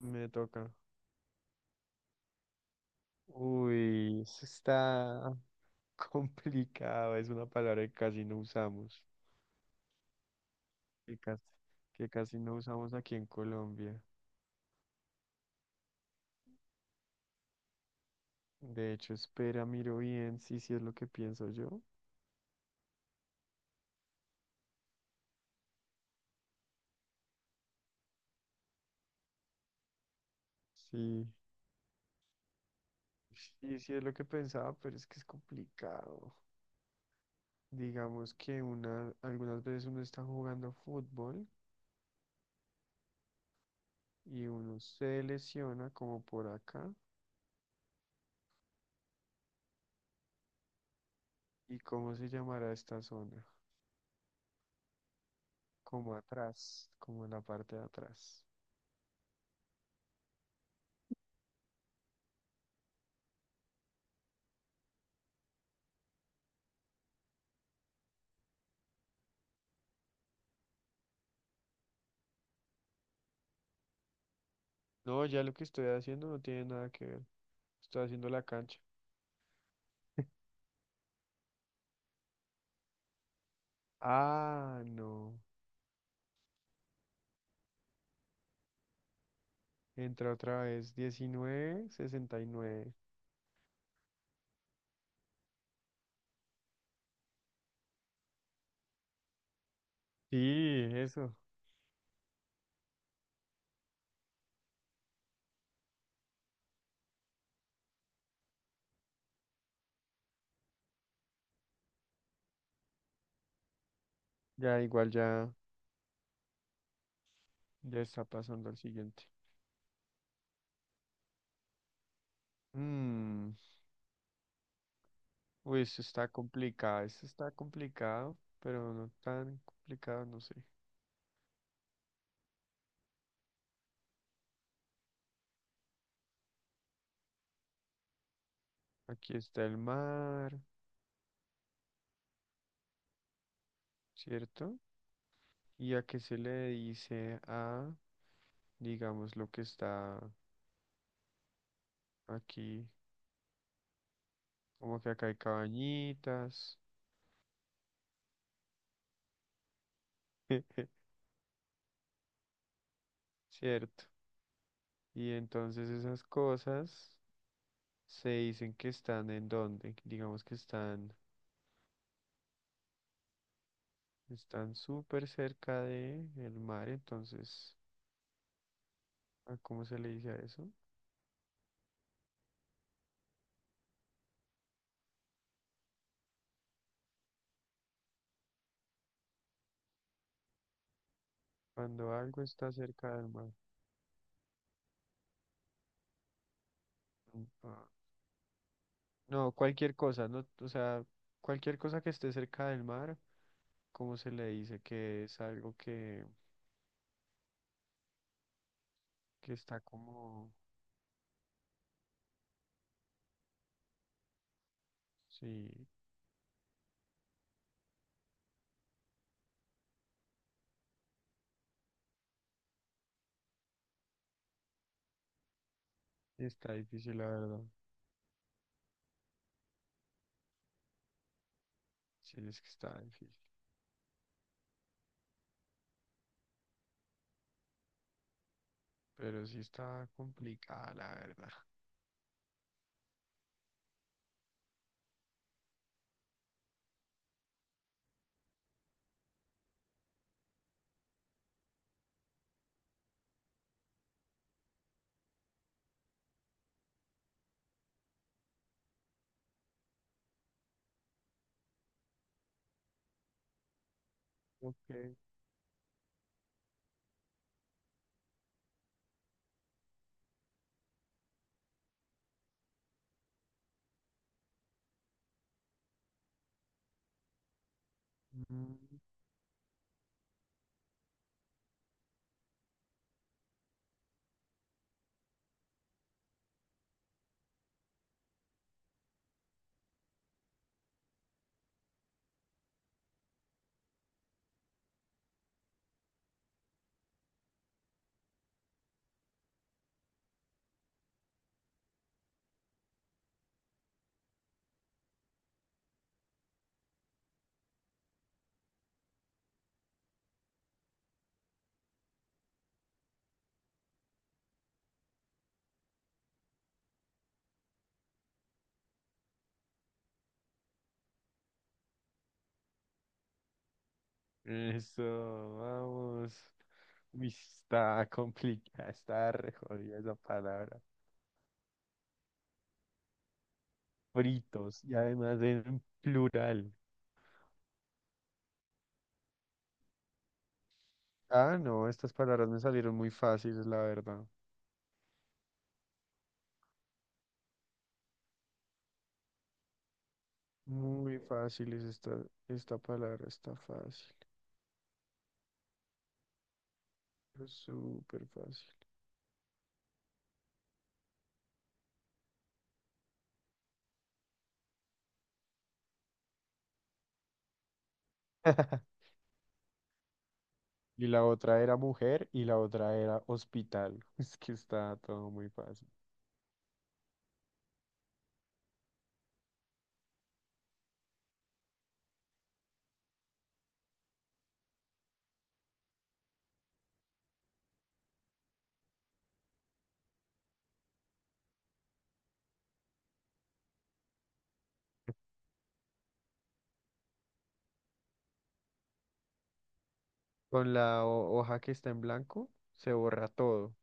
Me toca. Uy, eso está complicado. Es una palabra que casi no usamos. Que casi, que casi no usamos aquí en Colombia. De hecho, espera, miro bien. Sí, sí es lo que pienso yo. Sí, sí, sí es lo que pensaba, pero es que es complicado. Digamos que una, algunas veces uno está jugando fútbol y uno se lesiona como por acá. ¿Y cómo se llamará esta zona? Como atrás, como en la parte de atrás. No, ya lo que estoy haciendo no tiene nada que ver. Estoy haciendo la cancha. Ah, no. Entra otra vez. 1969. Sí, eso. Ya igual ya, ya está pasando al siguiente. Mm, uy, esto está complicado. Esto está complicado, pero no tan complicado, no sé. Aquí está el mar, ¿cierto? ¿Y a qué se le dice a, digamos, lo que está aquí? Como que acá hay cabañitas. Cierto. Y entonces esas cosas se dicen que están en donde, digamos que están, están súper cerca de el mar, entonces, ¿a cómo se le dice a eso? Cuando algo está cerca del mar. Mm, ah. No, cualquier cosa, no, o sea, cualquier cosa que esté cerca del mar, ¿cómo se le dice? Que es algo que está como, sí, está difícil, la verdad. Sí, es que está difícil. Pero sí está complicada, la verdad. Ok. Mm. Eso, vamos. Uy, está complicada, está re jodida esa palabra. Fritos, y además en plural. Ah, no, estas palabras me salieron muy fáciles, la verdad. Muy fáciles esta, esta palabra, está fácil. Es súper fácil. Y la otra era mujer y la otra era hospital. Es que está todo muy fácil. Con la hoja que está en blanco, se borra todo.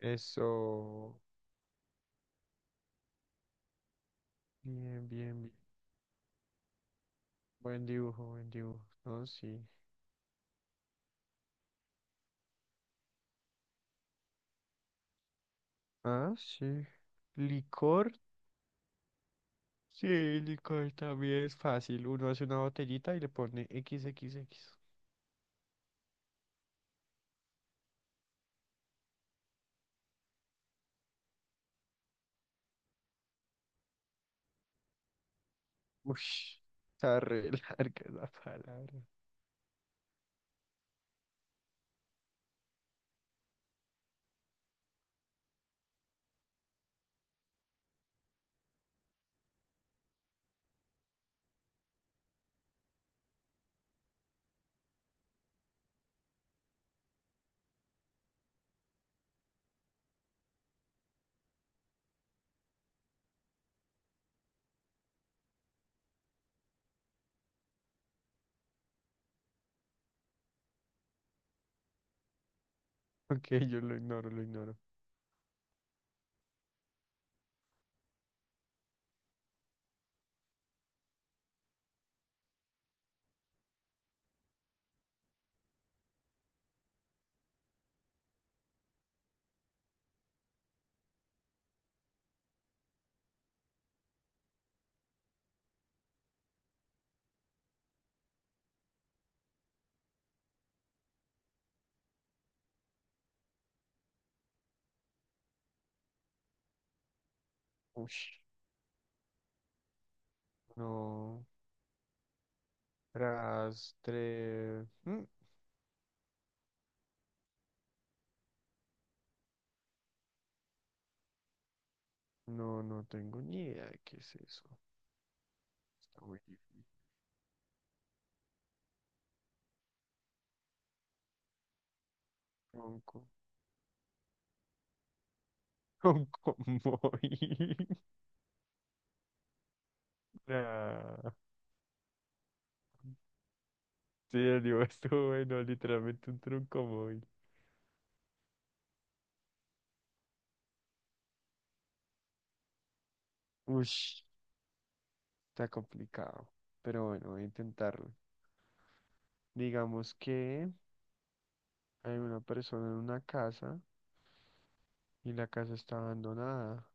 Eso. Bien, bien, bien. Buen dibujo, buen dibujo. No, sí. Ah, sí. Licor. Sí, licor también es fácil. Uno hace una botellita y le pone XXX. Uy, está re larga la palabra. Ok, yo lo ignoro, lo ignoro. Uy, no. Rastre. Mm. No, no tengo ni idea de qué es eso. Está muy difícil. Tronco. Tronco móvil. Nah. Sí, el libro estuvo bueno, literalmente un tronco móvil. Ush, está complicado. Pero bueno, voy a intentarlo. Digamos que hay una persona en una casa y la casa está abandonada.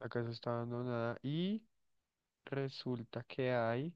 La casa está abandonada y resulta que hay,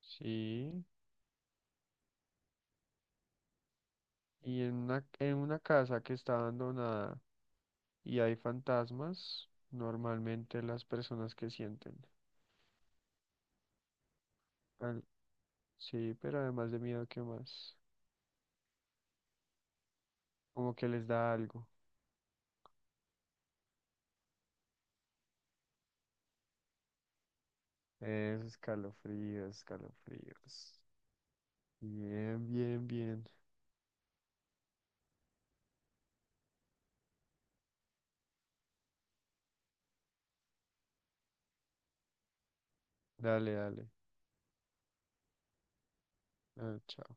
sí, y en una casa que está abandonada y hay fantasmas, normalmente las personas que sienten. Al- sí, pero además de miedo, ¿qué más? Como que les da algo. Eso, escalofríos, escalofríos. Bien, bien, bien. Dale, dale. Ah, chao.